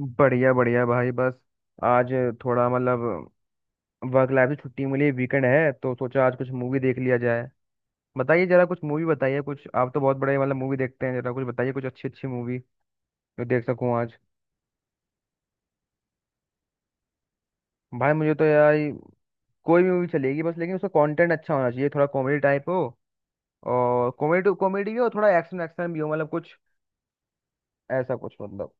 बढ़िया बढ़िया भाई बस आज थोड़ा मतलब वर्क लाइफ से छुट्टी मिली, वीकेंड है तो सोचा आज कुछ मूवी देख लिया जाए। बताइए जरा कुछ मूवी, बताइए कुछ, आप तो बहुत बड़े मतलब मूवी देखते हैं, जरा कुछ बताइए कुछ अच्छी अच्छी मूवी जो देख सकूं आज। भाई मुझे तो यार कोई भी मूवी चलेगी बस, लेकिन उसका कंटेंट अच्छा होना चाहिए, थोड़ा कॉमेडी टाइप हो और कॉमेडी कॉमेडी भी हो, थोड़ा एक्शन एक्शन भी हो, मतलब कुछ ऐसा कुछ मतलब।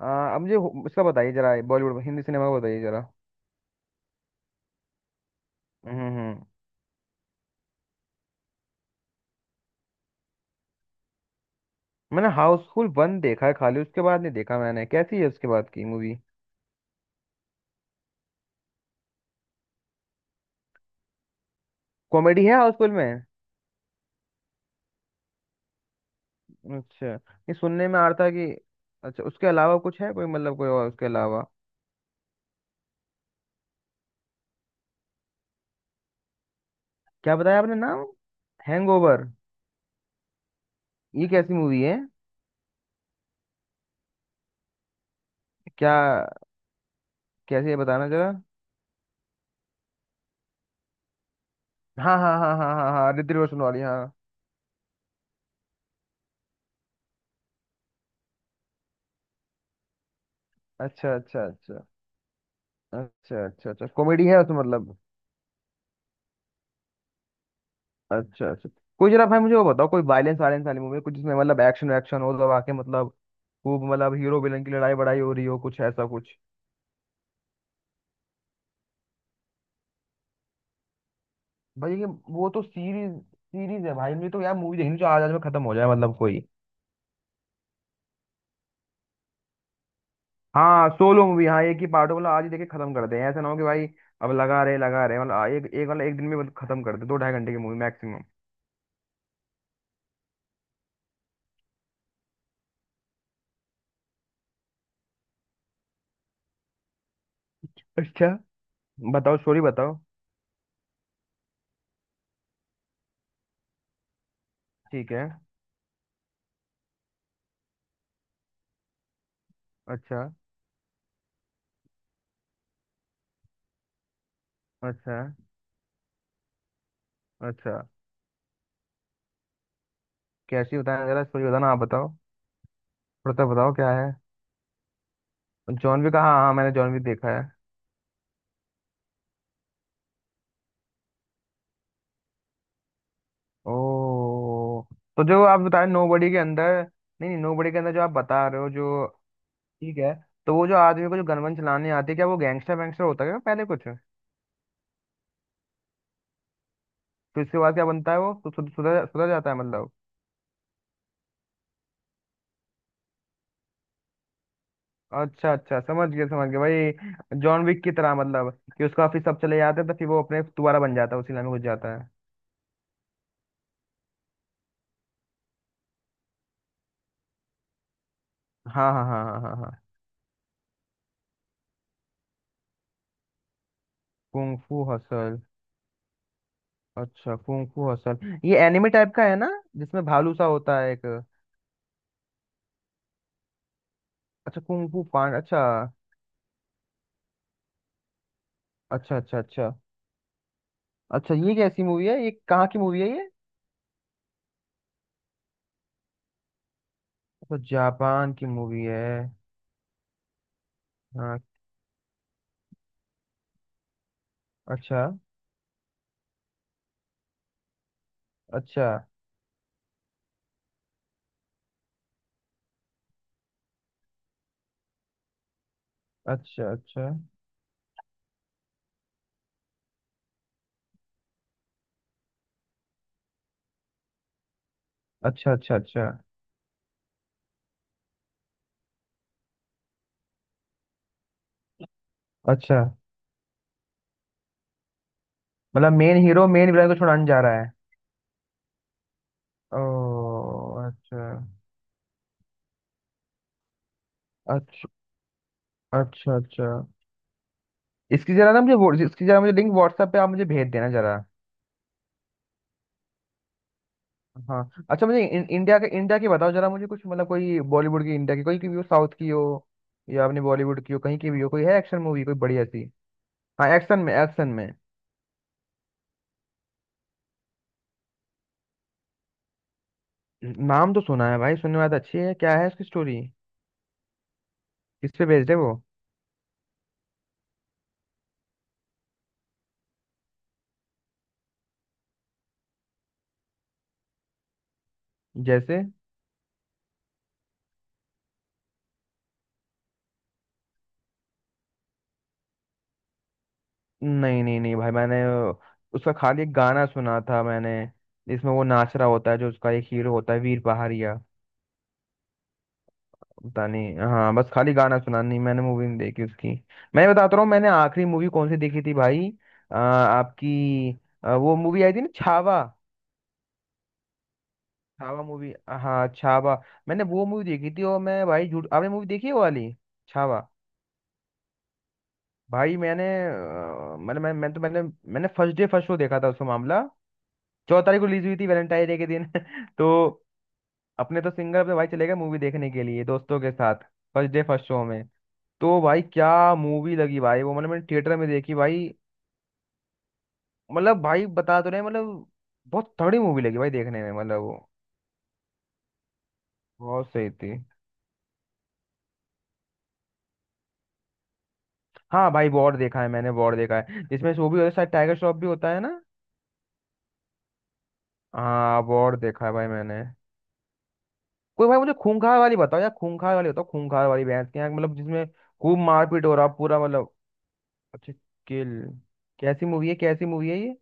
अब मुझे इसका बताइए जरा, बॉलीवुड हिंदी सिनेमा का बताइए जरा। हम्म हम्म हम्म। मैंने हाउसफुल 1 देखा है खाली, उसके बाद नहीं देखा मैंने, कैसी है उसके बाद की मूवी? कॉमेडी है हाउसफुल में? अच्छा। ये सुनने में आ रहा था कि, अच्छा उसके अलावा कुछ है कोई, मतलब कोई और उसके अलावा? क्या बताया आपने नाम? हैंगओवर। ये कैसी मूवी है? क्या, कैसी है बताना जरा। हाँ हाँ हाँ हाँ हाँ हाँ, ऋतिक रोशन वाली हाँ। अच्छा अच्छा अच्छा। अच्छा अच्छा अच्छा, कॉमेडी है उसमें मतलब? अच्छा अच्छा। कोई जरा भाई मुझे वो बताओ, कोई वायलेंस वायलेंस वाली मूवी कुछ, जिसमें मतलब एक्शन एक्शन हो दबा के, मतलब खूब, मतलब हीरो विलन की लड़ाई बड़ाई हो रही हो, कुछ ऐसा कुछ। भाई ये वो तो सीरीज सीरीज है भाई, मुझे तो यार मूवी देखनी जो आज आज में खत्म हो जाए, मतलब कोई। हाँ सोलो मूवी हाँ, एक ही पार्ट हो मतलब आज ही देखे खत्म कर दे, ऐसा ना हो कि भाई अब लगा रहे लगा रहे, मतलब एक एक मतलब एक दिन में मतलब खत्म कर दे, दो ढाई घंटे की मूवी मैक्सिमम। अच्छा बताओ, स्टोरी बताओ। ठीक है। अच्छा अच्छा अच्छा। कैसी, बताना जरा स्टोरी, बताना आप बताओ। थोड़ा सा बताओ क्या है। जॉन विक, हाँ हाँ मैंने जॉन विक देखा है। ओ, तो जो आप बता रहे नोबडी के अंदर, नहीं नहीं, नोबडी के अंदर जो आप बता रहे हो जो, ठीक है। तो वो जो आदमी को जो गनवन चलाने आती है, क्या वो गैंगस्टर वैंगस्टर होता है क्या पहले कुछ? तो इसके बाद क्या बनता है वो, तो सुधर सुधर जाता है मतलब? अच्छा अच्छा, समझ गया भाई, जॉन विक की तरह मतलब कि उसको फिर सब चले जाते हैं तो फिर वो अपने दोबारा बन जाता है, उसी लाइन में घुस जाता है। हाँ हाँ हाँ हाँ हाँ हाँ। कुंग फू हसल, अच्छा कुंग फू हसल। ये एनिमे टाइप का है ना, जिसमें भालू सा होता है एक? अच्छा कुंग फू पांडा, अच्छा। अच्छा अच्छा अच्छा अच्छा। ये कैसी मूवी है, ये कहाँ की मूवी है ये? तो जापान की मूवी है? हाँ। अच्छा अच्छा अच्छा अच्छा अच्छा अच्छा अच्छा अच्छा। मतलब मेन हीरो मेन विलन को छुड़ाने जा रहा है? ओ। अच्छा अच्छा अच्छा अच्छा। इसकी जरा ना मुझे इसकी जरा मुझे लिंक व्हाट्सएप पे आप मुझे भेज देना जरा। हाँ, अच्छा मुझे इंडिया के, इंडिया की बताओ जरा मुझे कुछ, मतलब कोई बॉलीवुड की, इंडिया की कोई की भी हो, साउथ की हो या अपने बॉलीवुड की हो, कहीं की भी हो, कोई है एक्शन मूवी कोई बढ़िया सी? हाँ एक्शन में, एक्शन में। नाम तो सुना है भाई, सुनने में बात अच्छी है, क्या है उसकी स्टोरी, किस पे बेस्ड है वो? जैसे। नहीं नहीं नहीं भाई, मैंने उसका खाली एक गाना सुना था मैंने, जिसमें वो नाच रहा होता है जो उसका एक हीरो होता है, वीर पहाड़िया। पता नहीं, हाँ बस खाली गाना सुना, नहीं मैंने मूवी नहीं देखी उसकी। मैं बताता रहा हूँ, मैंने आखिरी मूवी कौन सी देखी थी भाई। आपकी वो मूवी आई थी ना छावा। छावा मूवी, हाँ छावा। मैंने वो मूवी देखी थी, और मैं भाई झूठ, आपने मूवी देखी है वो वाली, छावा? भाई मैंने मतलब मैं तो मैंने, मैंने फर्स्ट डे फर्स्ट शो देखा था उसका मामला। 14 तारीख को रिलीज हुई थी, वैलेंटाइन डे के दिन तो अपने तो सिंगर अपने भाई चले गए मूवी देखने के लिए दोस्तों के साथ, फर्स्ट डे फर्स्ट शो में। तो भाई क्या मूवी लगी भाई वो, मतलब मैंने थिएटर में देखी भाई, मतलब भाई बता तो रहे हैं, मतलब बहुत तगड़ी मूवी लगी भाई देखने में, मतलब वो बहुत सही थी। हाँ भाई वॉर देखा है मैंने, वॉर देखा है जिसमें वो भी होता है, शायद टाइगर श्रॉफ भी होता है ना? हाँ वॉर देखा है भाई मैंने। कोई भाई मुझे खूंखार वाली बताओ यार, खूंखार वाली बताओ, खूंखार वाली भैंस के यहाँ, मतलब जिसमें खूब मारपीट हो रहा पूरा मतलब। अच्छा किल। कैसी मूवी है, कैसी मूवी है ये?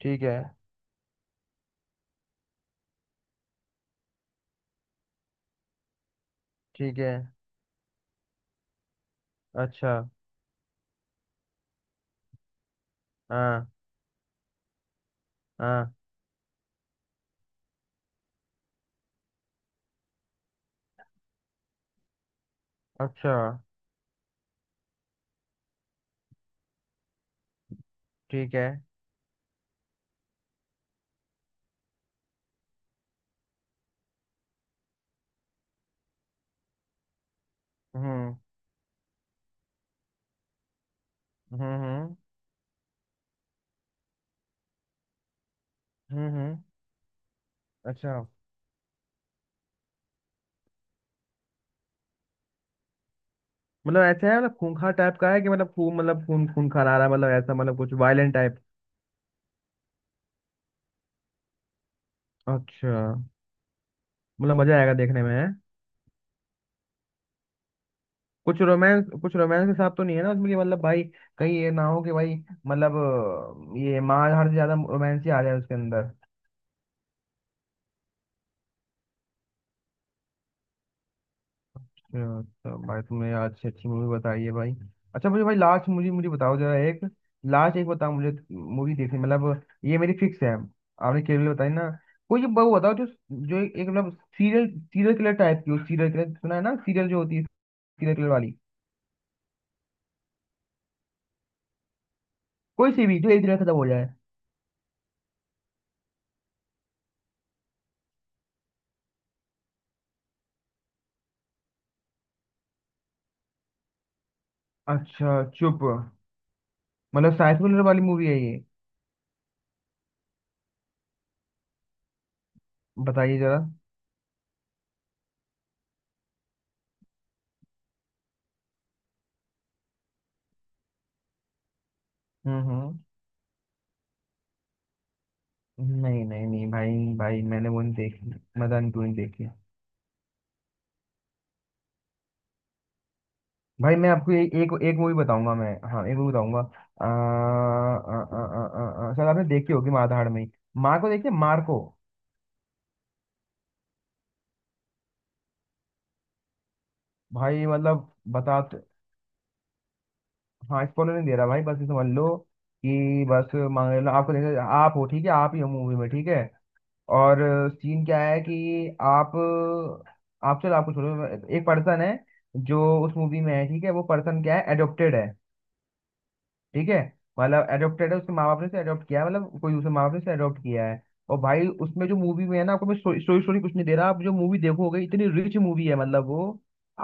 ठीक है। ठीक है। अच्छा। हाँ हाँ। अच्छा। ठीक है। हम्म हम्म हम्म हम्म हम्म, अच्छा। मतलब ऐसा है, मतलब खूंखार टाइप का है, कि मतलब खून, मतलब खून खून खा रहा है, मतलब ऐसा मतलब कुछ वायलेंट टाइप? अच्छा। मतलब मजा आएगा देखने में है? कुछ रोमांस के साथ तो नहीं है ना उसमें, कि मतलब भाई कहीं ये ना हो कि भाई मतलब ये मार हर से ज्यादा रोमांस ही आ जाए उसके अंदर। अच्छा भाई, तुमने आज अच्छी अच्छी मूवी बताई है भाई। अच्छा मुझे भाई लास्ट मूवी मुझे बताओ जरा एक, लास्ट एक बताओ मुझे, मूवी देखनी मतलब ये मेरी फिक्स है, आपने केवल बताई ना। कोई एक वो बताओ जो, जो एक एक मतलब सीरियल, सीरियल किलर टाइप की हो, सीरियल किलर सुना है ना, सीरियल जो होती है, सीरियल किलर वाली। कोई सी भी जो एक दिन में खत्म हो जाए। अच्छा चुप। मतलब साइंस फिक्शन वाली मूवी है ये? बताइए जरा। हम्म हम्म, नहीं नहीं नहीं भाई, भाई मैंने वो नहीं देखी। मदान क्यों नहीं देखी। भाई मैं आपको एक एक मूवी बताऊंगा मैं, हाँ एक मूवी बताऊंगा, शायद आपने देखी होगी, माँ धाड़ में। माँ को देखिए, मार को। भाई मतलब हाँ स्पॉइलर नहीं दे रहा भाई, बस ये समझ लो कि बस मान लो आपको, देखो आप हो ठीक है, आप ही हो मूवी में ठीक है। और सीन क्या है कि, आप आप चलो आपको छोड़ो, एक पर्सन है जो उस मूवी में है ठीक है, वो पर्सन क्या है, एडोप्टेड है ठीक है। मतलब एडोप्टेड है, उसके माँ बाप ने से एडोप्ट किया है, मतलब कोई दूसरे माँ बाप ने से एडोप्ट किया है। और भाई उसमें जो मूवी में है ना, आपको मैं स्टोरी स्टोरी कुछ नहीं दे रहा, आप जो मूवी देखोगे, इतनी रिच मूवी है मतलब वो,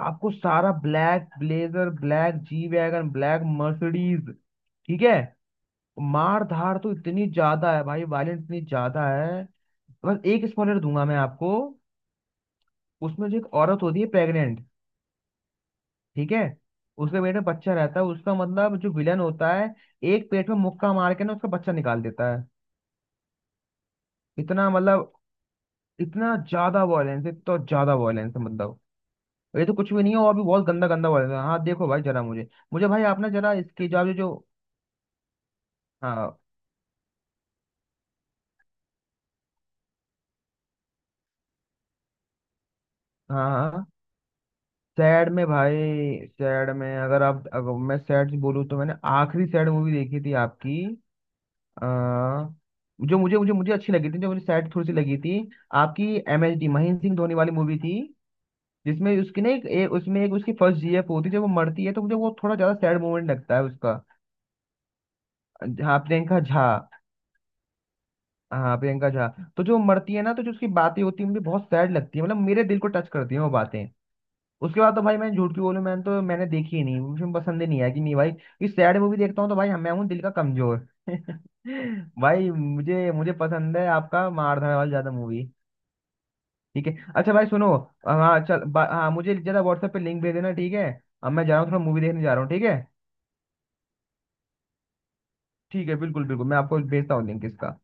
आपको सारा black blazer, black G wagon, black Mercedes, ठीक है। मार धाड़ तो इतनी ज्यादा है भाई, वायलेंस इतनी ज्यादा है। बस एक स्पॉइलर दूंगा मैं आपको। उसमें जो एक औरत होती है प्रेग्नेंट ठीक है, उसके पेट में बच्चा रहता है उसका, मतलब जो विलन होता है एक पेट में मुक्का मार के ना उसका बच्चा निकाल देता है। इतना मतलब, इतना ज्यादा वॉयलेंस है, तो ज्यादा वॉयलेंस है मतलब। ये तो कुछ भी नहीं है, और भी बहुत गंदा गंदा वॉयलेंस है। हाँ देखो भाई जरा मुझे मुझे भाई, आपने जरा इसकी जो जो। हाँ हाँ हाँ। सैड में भाई, सैड में अगर आप, अगर मैं सैड बोलूँ तो मैंने आखिरी सैड मूवी देखी थी आपकी आ, जो मुझे मुझे मुझे अच्छी लगी थी, जो मुझे सैड थोड़ी सी लगी थी आपकी, MHD महेंद्र सिंह धोनी वाली मूवी थी। जिसमें उसकी ना एक उसमें एक, उसकी फर्स्ट जीएफ होती है, जब वो मरती है तो मुझे वो थोड़ा ज्यादा सैड मोमेंट लगता है उसका। हाँ प्रियंका झा। हाँ प्रियंका झा। तो जो मरती है ना, तो जो उसकी बातें होती है मुझे बहुत सैड लगती है, मतलब मेरे दिल को टच करती है वो बातें। उसके बाद तो भाई मैं झूठ क्यों बोलूं, मैंने तो, मैंने देखी ही नहीं, मुझे पसंद ही नहीं आया, कि नहीं भाई ये सैड मूवी देखता हूँ तो भाई मैं हूँ दिल का कमजोर भाई मुझे मुझे पसंद है आपका मारधाड़ वाली ज्यादा मूवी। ठीक है, अच्छा भाई सुनो, हाँ चल हाँ, मुझे जरा व्हाट्सएप पे लिंक भेज देना ठीक है। अब मैं जा रहा हूँ, थोड़ा मूवी देखने जा रहा हूँ ठीक है। ठीक है बिल्कुल बिल्कुल, मैं आपको भेजता हूँ लिंक इसका।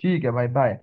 ठीक है भाई, बाय।